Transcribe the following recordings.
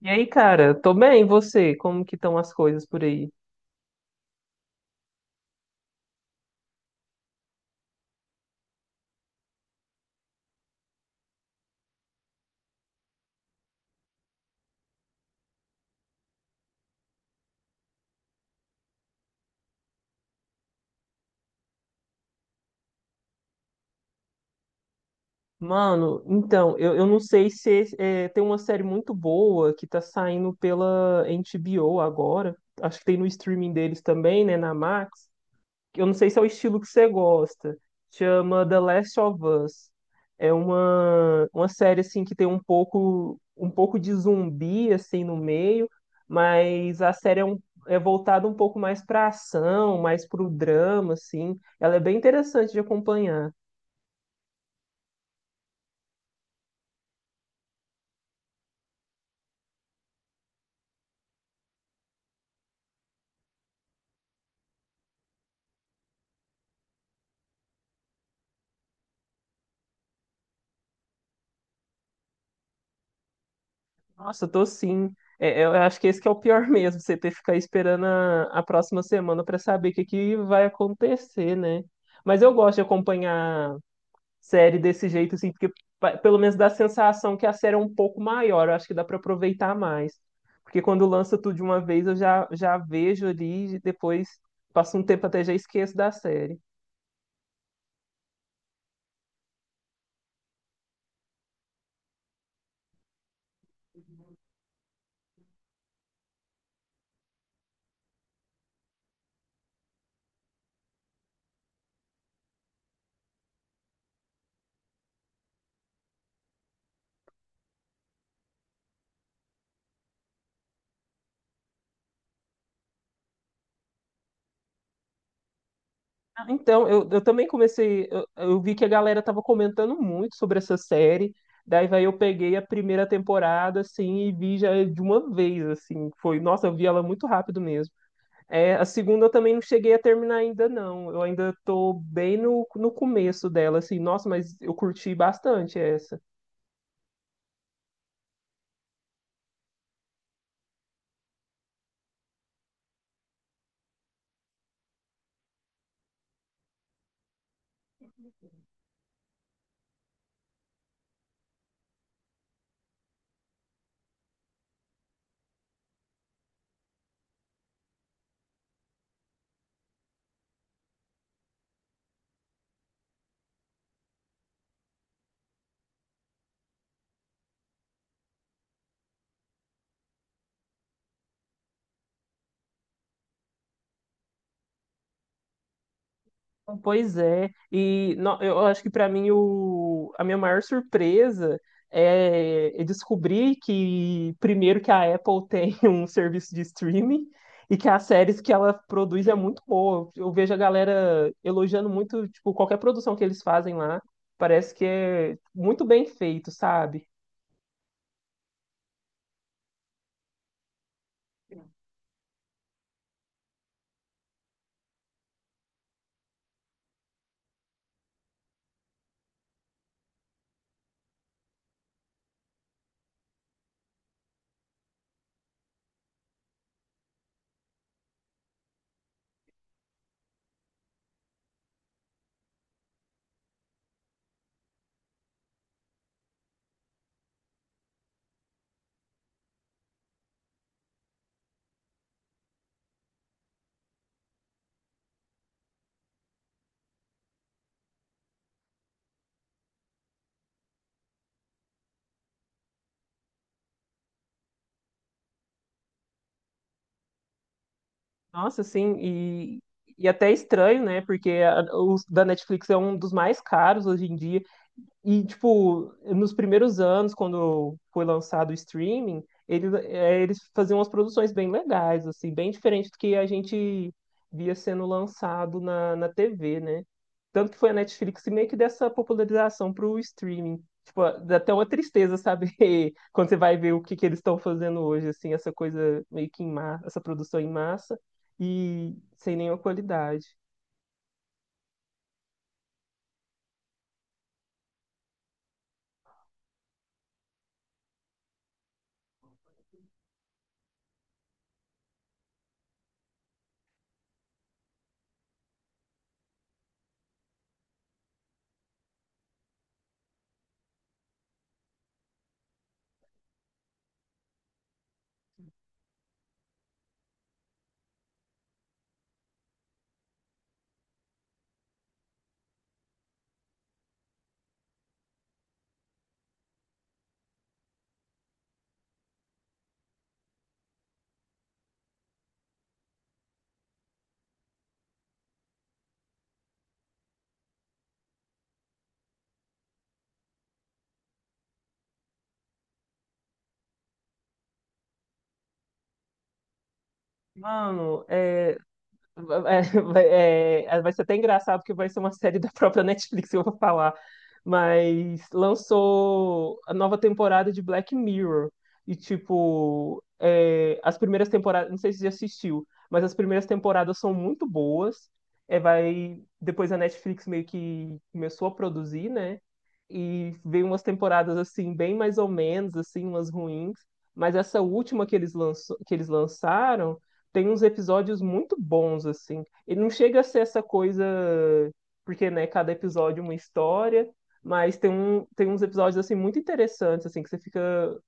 E aí, cara, tô bem, e você? Como que estão as coisas por aí? Mano, então, eu não sei se tem uma série muito boa que tá saindo pela HBO agora. Acho que tem no streaming deles também, né, na Max. Que eu não sei se é o estilo que você gosta. Chama The Last of Us. É uma série assim que tem um pouco de zumbi assim no meio, mas a série é é voltada um pouco mais para ação, mais para o drama assim. Ela é bem interessante de acompanhar. Nossa, tô sim. Eu acho que esse que é o pior mesmo, você ter que ficar esperando a próxima semana para saber o que que vai acontecer, né? Mas eu gosto de acompanhar série desse jeito, assim, porque pelo menos dá a sensação que a série é um pouco maior, eu acho que dá para aproveitar mais. Porque quando lança tudo de uma vez, eu já vejo ali, e depois passa um tempo até já esqueço da série. Ah, então, eu também comecei, eu vi que a galera tava comentando muito sobre essa série, daí vai eu peguei a primeira temporada, assim, e vi já de uma vez, assim, foi, nossa, eu vi ela muito rápido mesmo. É, a segunda eu também não cheguei a terminar ainda, não. Eu ainda tô bem no começo dela, assim. Nossa, mas eu curti bastante essa. Pois é. E eu acho que para mim o, a minha maior surpresa é descobrir que, primeiro, que a Apple tem um serviço de streaming e que as séries que ela produz é muito boa. Eu vejo a galera elogiando muito, tipo, qualquer produção que eles fazem lá. Parece que é muito bem feito, sabe? Nossa, sim, e até é estranho, né? Porque os da Netflix é um dos mais caros hoje em dia. E, tipo, nos primeiros anos, quando foi lançado o streaming, ele, é, eles faziam umas produções bem legais, assim, bem diferente do que a gente via sendo lançado na TV, né? Tanto que foi a Netflix que meio que dessa popularização pro streaming. Tipo, dá até uma tristeza saber quando você vai ver o que, que eles estão fazendo hoje, assim, essa coisa meio que em massa, essa produção em massa e sem nenhuma qualidade. Mano, é, vai ser até engraçado porque vai ser uma série da própria Netflix que eu vou falar. Mas lançou a nova temporada de Black Mirror. E, tipo, é, as primeiras temporadas. Não sei se você já assistiu, mas as primeiras temporadas são muito boas. É, vai, depois a Netflix meio que começou a produzir, né? E veio umas temporadas assim bem mais ou menos, assim, umas ruins, mas essa última que eles lançaram tem uns episódios muito bons assim. Ele não chega a ser essa coisa porque, né, cada episódio é uma história, mas tem uns episódios assim muito interessantes assim que você fica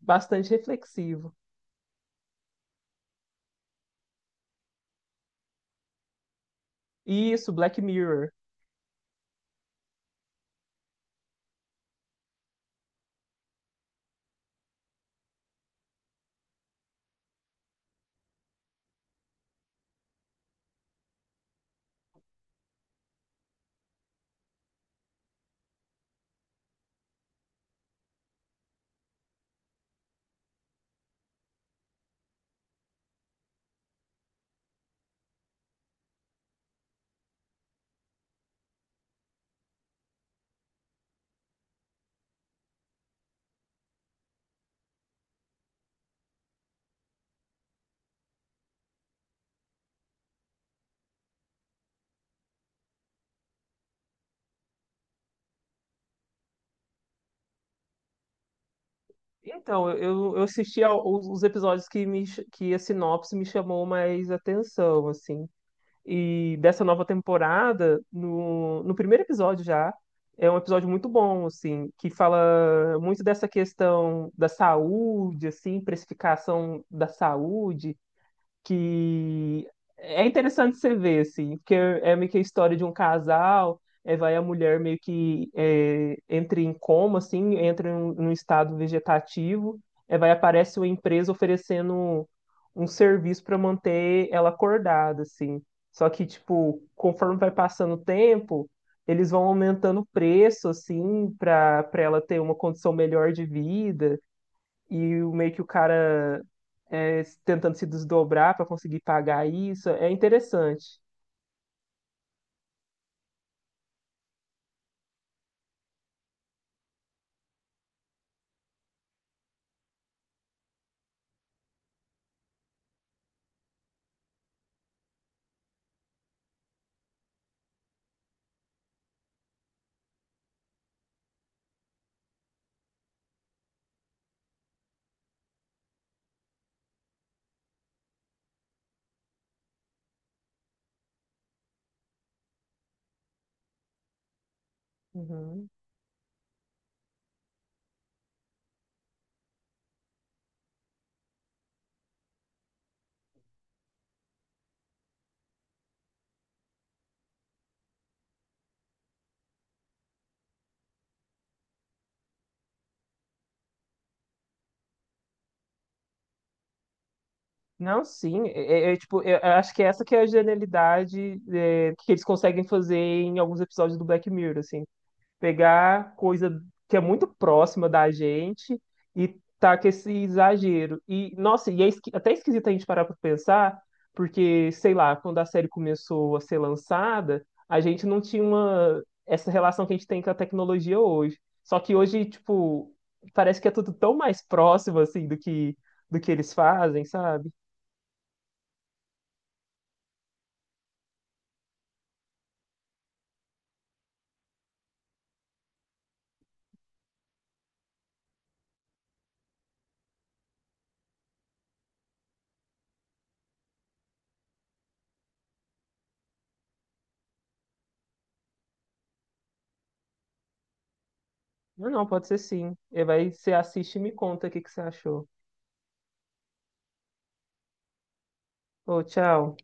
bastante reflexivo. Isso, Black Mirror. Então, eu assisti aos, os episódios que a sinopse me chamou mais atenção, assim. E dessa nova temporada, no primeiro episódio já, é um episódio muito bom, assim, que fala muito dessa questão da saúde, assim, precificação da saúde que é interessante você ver, assim, porque é meio que a história de um casal, é, vai a mulher meio que é, entra em coma, assim, entra em um estado vegetativo, é, vai aparece uma empresa oferecendo um serviço para manter ela acordada, assim. Só que, tipo, conforme vai passando o tempo, eles vão aumentando o preço, assim, para ela ter uma condição melhor de vida e meio que o cara é, tentando se desdobrar para conseguir pagar isso. É interessante. Uhum. Não, sim, tipo, eu acho que essa que é a genialidade é, que eles conseguem fazer em alguns episódios do Black Mirror, assim, pegar coisa que é muito próxima da gente e tá com esse exagero. E, nossa, e é até esquisito a gente parar pra pensar, porque, sei lá, quando a série começou a ser lançada, a gente não tinha uma, essa relação que a gente tem com a tecnologia hoje. Só que hoje, tipo, parece que é tudo tão mais próximo, assim, do que eles fazem, sabe? Não, não, pode ser sim. E vai, você assiste e me conta o que que você achou. Ô, tchau.